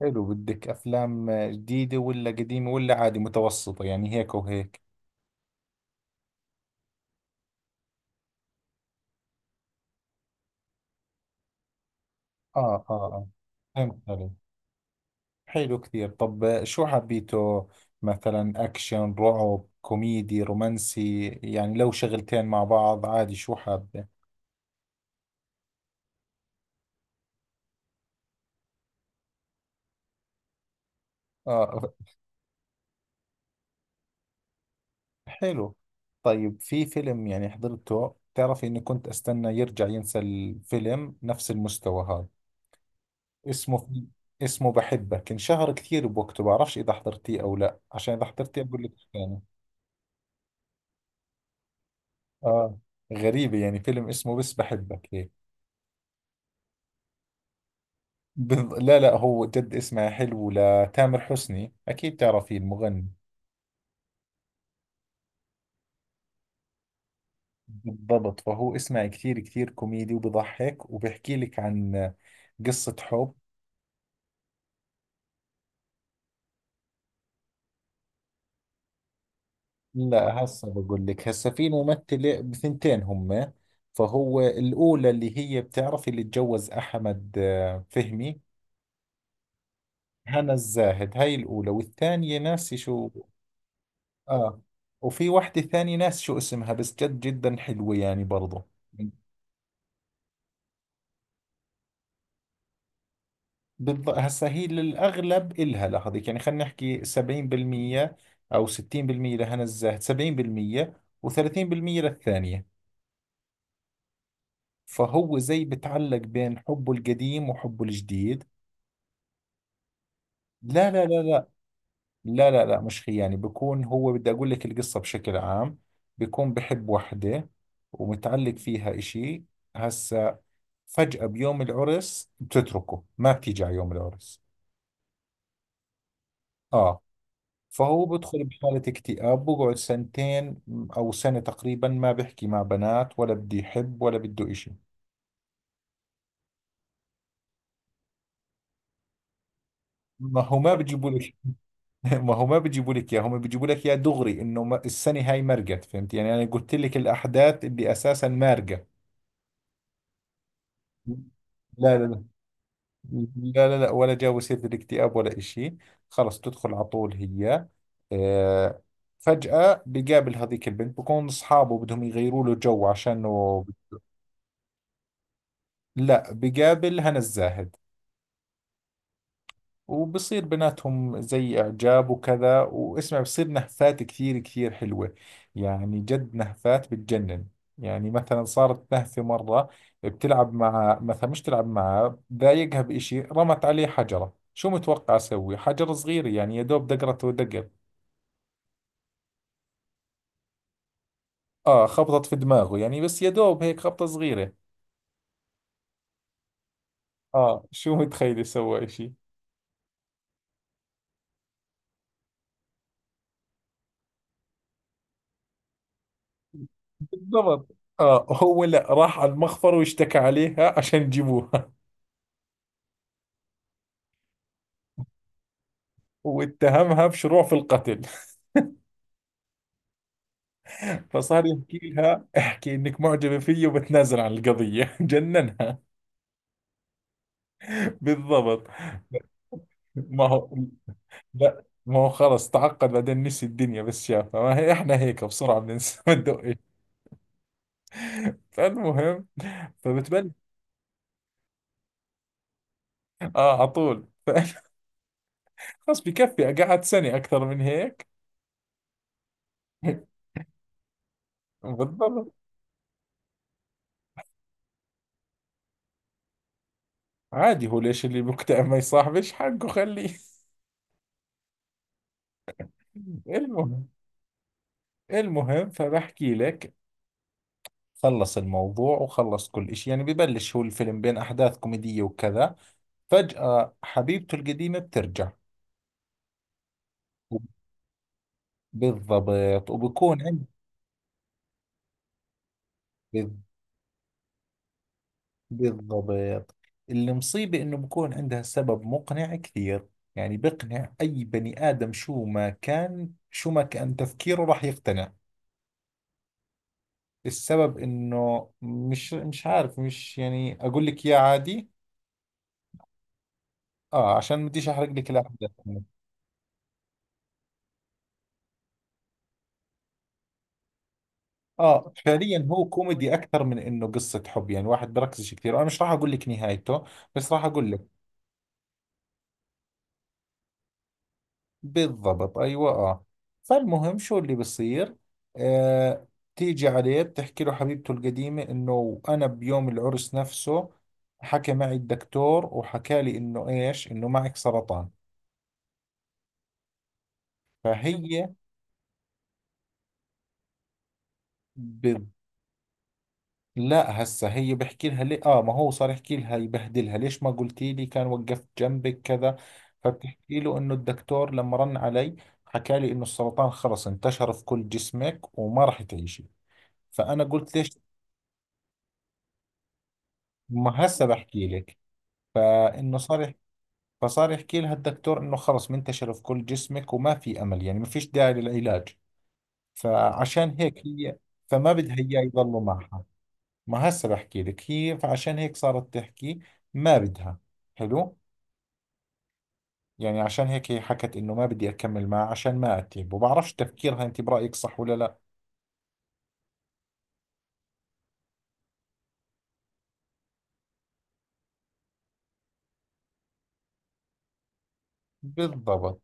حلو، بدك أفلام جديدة ولا قديمة ولا عادي متوسطة، يعني هيك وهيك. آه آه آه، فهمت علي. حلو كثير. طب شو حبيته؟ مثلا أكشن، رعب، كوميدي، رومانسي، يعني لو شغلتين مع بعض عادي. شو حابة؟ آه، حلو. طيب في فيلم يعني حضرته، بتعرفي إني كنت أستنى يرجع ينسى الفيلم نفس المستوى هذا. اسمه في، اسمه بحبك. انشهر كثير بوقته، بعرفش إذا حضرتيه أو لا، عشان إذا حضرتيه أقول لك ثاني. اه، غريبة يعني فيلم اسمه بس بحبك هيك. لا لا، هو جد اسمها حلو، لتامر حسني أكيد تعرفيه المغني. بالضبط، فهو اسمه كثير كثير كوميدي وبضحك، وبحكي لك عن قصة حب. لا هسه بقول لك. هسه في ممثلة بثنتين هم. فهو الأولى اللي هي بتعرفي اللي تجوز أحمد آه، فهمي. هنا الزاهد هاي الأولى، والثانية ناسي شو. اه. وفي واحدة ثانية ناس شو اسمها، بس جد جدا حلوة يعني برضو. بالضبط، هسا هي للأغلب إلها لهذيك، يعني خلينا نحكي 70% أو 60%. لهنا الزاهد 70% و30% للثانية. فهو زي بتعلق بين حبه القديم وحبه الجديد. لا لا لا، لا لا لا، مش خيانة. يعني بكون هو، بدي أقول لك القصة بشكل عام. بكون بحب وحدة ومتعلق فيها إشي. هسا فجأة بيوم العرس بتتركه، ما بتيجي على يوم العرس. آه. فهو بدخل بحالة اكتئاب، بقعد سنتين أو سنة تقريبا. ما بحكي مع بنات ولا بدي يحب ولا بده إشي. ما هو ما بيجيبوا لك ما هو ما بيجيبوا لك اياه، هم بيجيبوا لك اياه دغري، انه السنه هاي مرقت، فهمت يعني. انا قلت لك الاحداث اللي اساسا مارقه. لا لا لا، لا لا لا، ولا جا بصير بالاكتئاب ولا إشي. خلص، تدخل على طول هي. آه، فجأة بقابل هذيك البنت، بكون أصحابه بدهم يغيروا له جو عشانه. لا، بقابل هنا الزاهد. وبصير بيناتهم زي إعجاب وكذا، واسمع بصير نهفات كثير كثير حلوة. يعني جد نهفات بتجنن. يعني مثلا صارت نهفة مرة، بتلعب مع مثلا، مش تلعب معاه، ضايقها بإشي، رمت عليه حجرة. شو متوقع أسوي؟ حجر صغير يعني، يا دوب دقرته دقر. آه، خبطت في دماغه يعني، بس يا دوب هيك خبطة صغيرة. آه، شو متخيل سوى إشي؟ بالضبط. آه، هو لا، راح على المخفر واشتكى عليها عشان يجيبوها. واتهمها بشروع في القتل. فصار يحكي لها احكي انك معجبة فيي وبتنازل عن القضية جننها. بالضبط. ما هو لا، ما هو خلص تعقد بعدين، نسي الدنيا بس شافها. ما هي احنا هيك بسرعة بننسى ما ندقش. فالمهم، فبتبلش. اه على طول خلص بكفي، قعدت سنة. أكثر من هيك بالضبط. عادي، هو ليش اللي مكتئب ما يصاحبش؟ حقه، خليه. المهم. المهم فبحكي لك، خلص الموضوع وخلص كل إشي، يعني ببلش هو الفيلم بين أحداث كوميدية وكذا. فجأة حبيبته القديمة بترجع. بالضبط وبكون عند. بال- بالضبط، المصيبة إنه بكون عندها سبب مقنع كثير. يعني بقنع أي بني آدم، شو ما كان شو ما كان تفكيره راح يقتنع. السبب إنه مش عارف، مش يعني أقول لك يا عادي. آه، عشان ما بديش أحرق لك الأحداث. اه فعليا هو كوميدي اكثر من انه قصة حب، يعني واحد بركزش كثير. انا مش راح اقول لك نهايته، بس راح اقول لك. بالضبط ايوه، اه. فالمهم شو اللي بصير. آه، تيجي عليه بتحكي له حبيبته القديمة انه انا بيوم العرس نفسه حكى معي الدكتور وحكى لي انه ايش، انه معك سرطان. فهي، لا هسه هي بحكي لها ليه. اه ما هو صار يحكي لها يبهدلها، ليش ما قلتي لي؟ كان وقفت جنبك كذا. فبتحكي له انه الدكتور لما رن علي حكى لي انه السرطان خلص انتشر في كل جسمك وما راح تعيشي. فانا قلت ليش. ما هسه بحكي لك. فانه صار فصار يحكي لها الدكتور انه خلص منتشر في كل جسمك وما في امل، يعني ما فيش داعي للعلاج. فعشان هيك هي، فما بدها اياه يضلوا معها. ما هسه بحكي لك. هي فعشان هيك صارت تحكي ما بدها. حلو. يعني عشان هيك هي حكت انه ما بدي اكمل معه عشان ما اتعبه. بعرفش تفكيرها، انت برأيك صح ولا لا؟ بالضبط.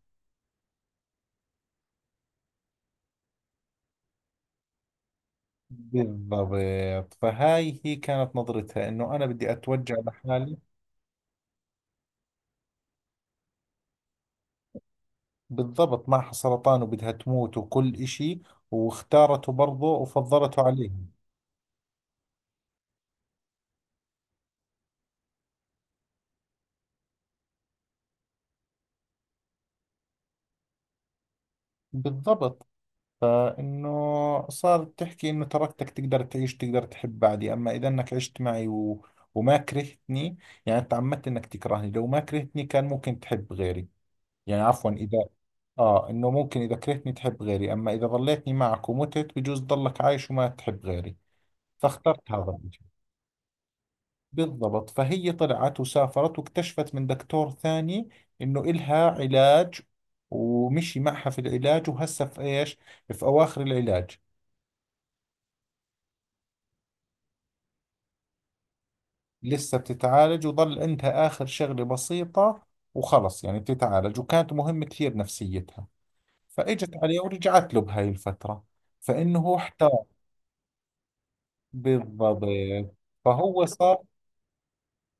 بالضبط، فهاي هي كانت نظرتها انه انا بدي اتوجع لحالي. بالضبط، معها سرطان وبدها تموت وكل اشي، واختارته برضه وفضلته عليهم. بالضبط. فإنه صارت تحكي إنه تركتك تقدر تعيش، تقدر تحب بعدي، أما إذا إنك عشت معي و... وما كرهتني، يعني تعمدت إنك تكرهني، لو ما كرهتني كان ممكن تحب غيري. يعني عفوا إذا، آه إنه ممكن إذا كرهتني تحب غيري، أما إذا ظليتني معك ومتت بجوز ضلك عايش وما تحب غيري. فاخترت هذا الوجه. بالضبط، فهي طلعت وسافرت واكتشفت من دكتور ثاني إنه إلها علاج. ومشي معها في العلاج، وهسه في إيش، في أواخر العلاج. لسه بتتعالج، وظل عندها آخر شغلة بسيطة وخلص، يعني بتتعالج، وكانت مهم كثير نفسيتها. فإجت عليه ورجعت له بهاي الفترة. فإنه هو احتار. بالضبط، فهو صار.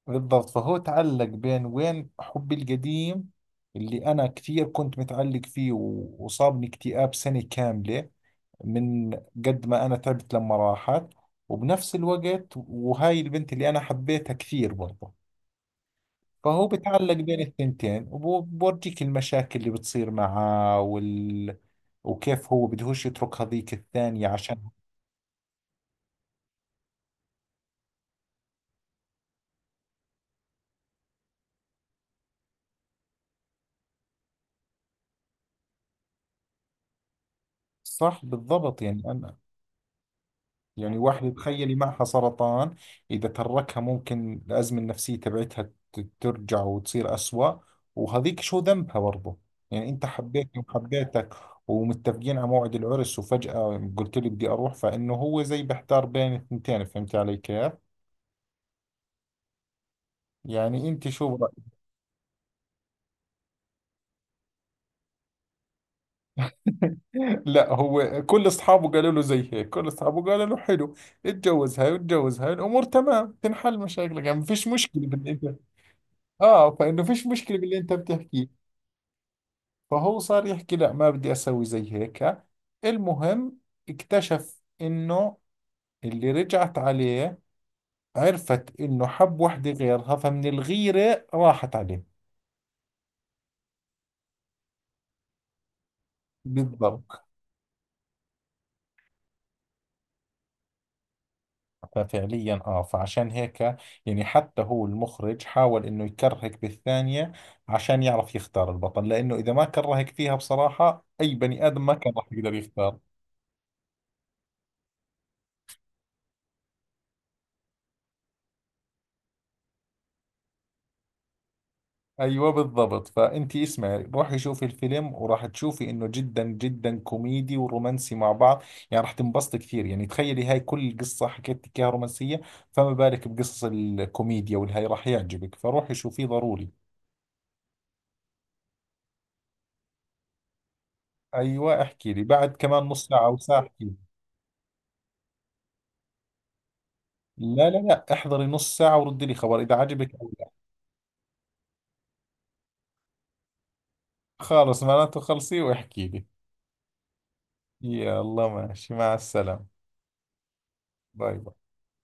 بالضبط، فهو تعلق بين وين حبي القديم اللي أنا كثير كنت متعلق فيه وصابني اكتئاب سنة كاملة من قد ما أنا تعبت لما راحت، وبنفس الوقت وهاي البنت اللي أنا حبيتها كثير برضه. فهو بتعلق بين الثنتين، وبورجيك المشاكل اللي بتصير معاه وال... وكيف هو بدهوش يترك هذيك الثانية عشان. صح بالضبط، يعني أنا، يعني واحدة تخيلي معها سرطان، إذا تركها ممكن الأزمة النفسية تبعتها ترجع وتصير أسوأ. وهذيك شو ذنبها برضه. يعني أنت حبيتني وحبيتك، ومتفقين على موعد العرس، وفجأة قلت لي بدي أروح. فإنه هو زي بحتار بين الثنتين. فهمت علي كيف؟ يعني أنت شو. لا، هو كل اصحابه قالوا له زي هيك، كل اصحابه قالوا له حلو، اتجوز هاي واتجوز هاي، الامور تمام، تنحل مشاكلك، يعني ما فيش مشكله باللي انت. اه فانه فيش مشكله باللي انت بتحكيه. فهو صار يحكي لا ما بدي اسوي زي هيك. المهم، اكتشف انه اللي رجعت عليه عرفت انه حب وحده غيرها، فمن الغيره راحت عليه. بالضبط. ففعليا اه فعشان هيك، يعني حتى هو المخرج حاول انه يكرهك بالثانية عشان يعرف يختار البطل، لانه اذا ما كرهك فيها بصراحة اي بني ادم ما كان راح يقدر يختار. ايوه بالضبط. فانت اسمعي، روحي شوفي الفيلم، وراح تشوفي انه جدا جدا كوميدي ورومانسي مع بعض. يعني راح تنبسطي كثير. يعني تخيلي هاي كل قصة حكيت لك اياها رومانسية، فما بالك بقصص الكوميديا والهاي. راح يعجبك، فروحي شوفيه ضروري. ايوه احكي لي بعد كمان نص ساعة او ساعة، احكي. لا لا لا، احضري نص ساعة وردي لي خبر إذا عجبك أو لا. خالص معناته خلصي واحكي لي. يا الله، ماشي مع السلامة. باي باي.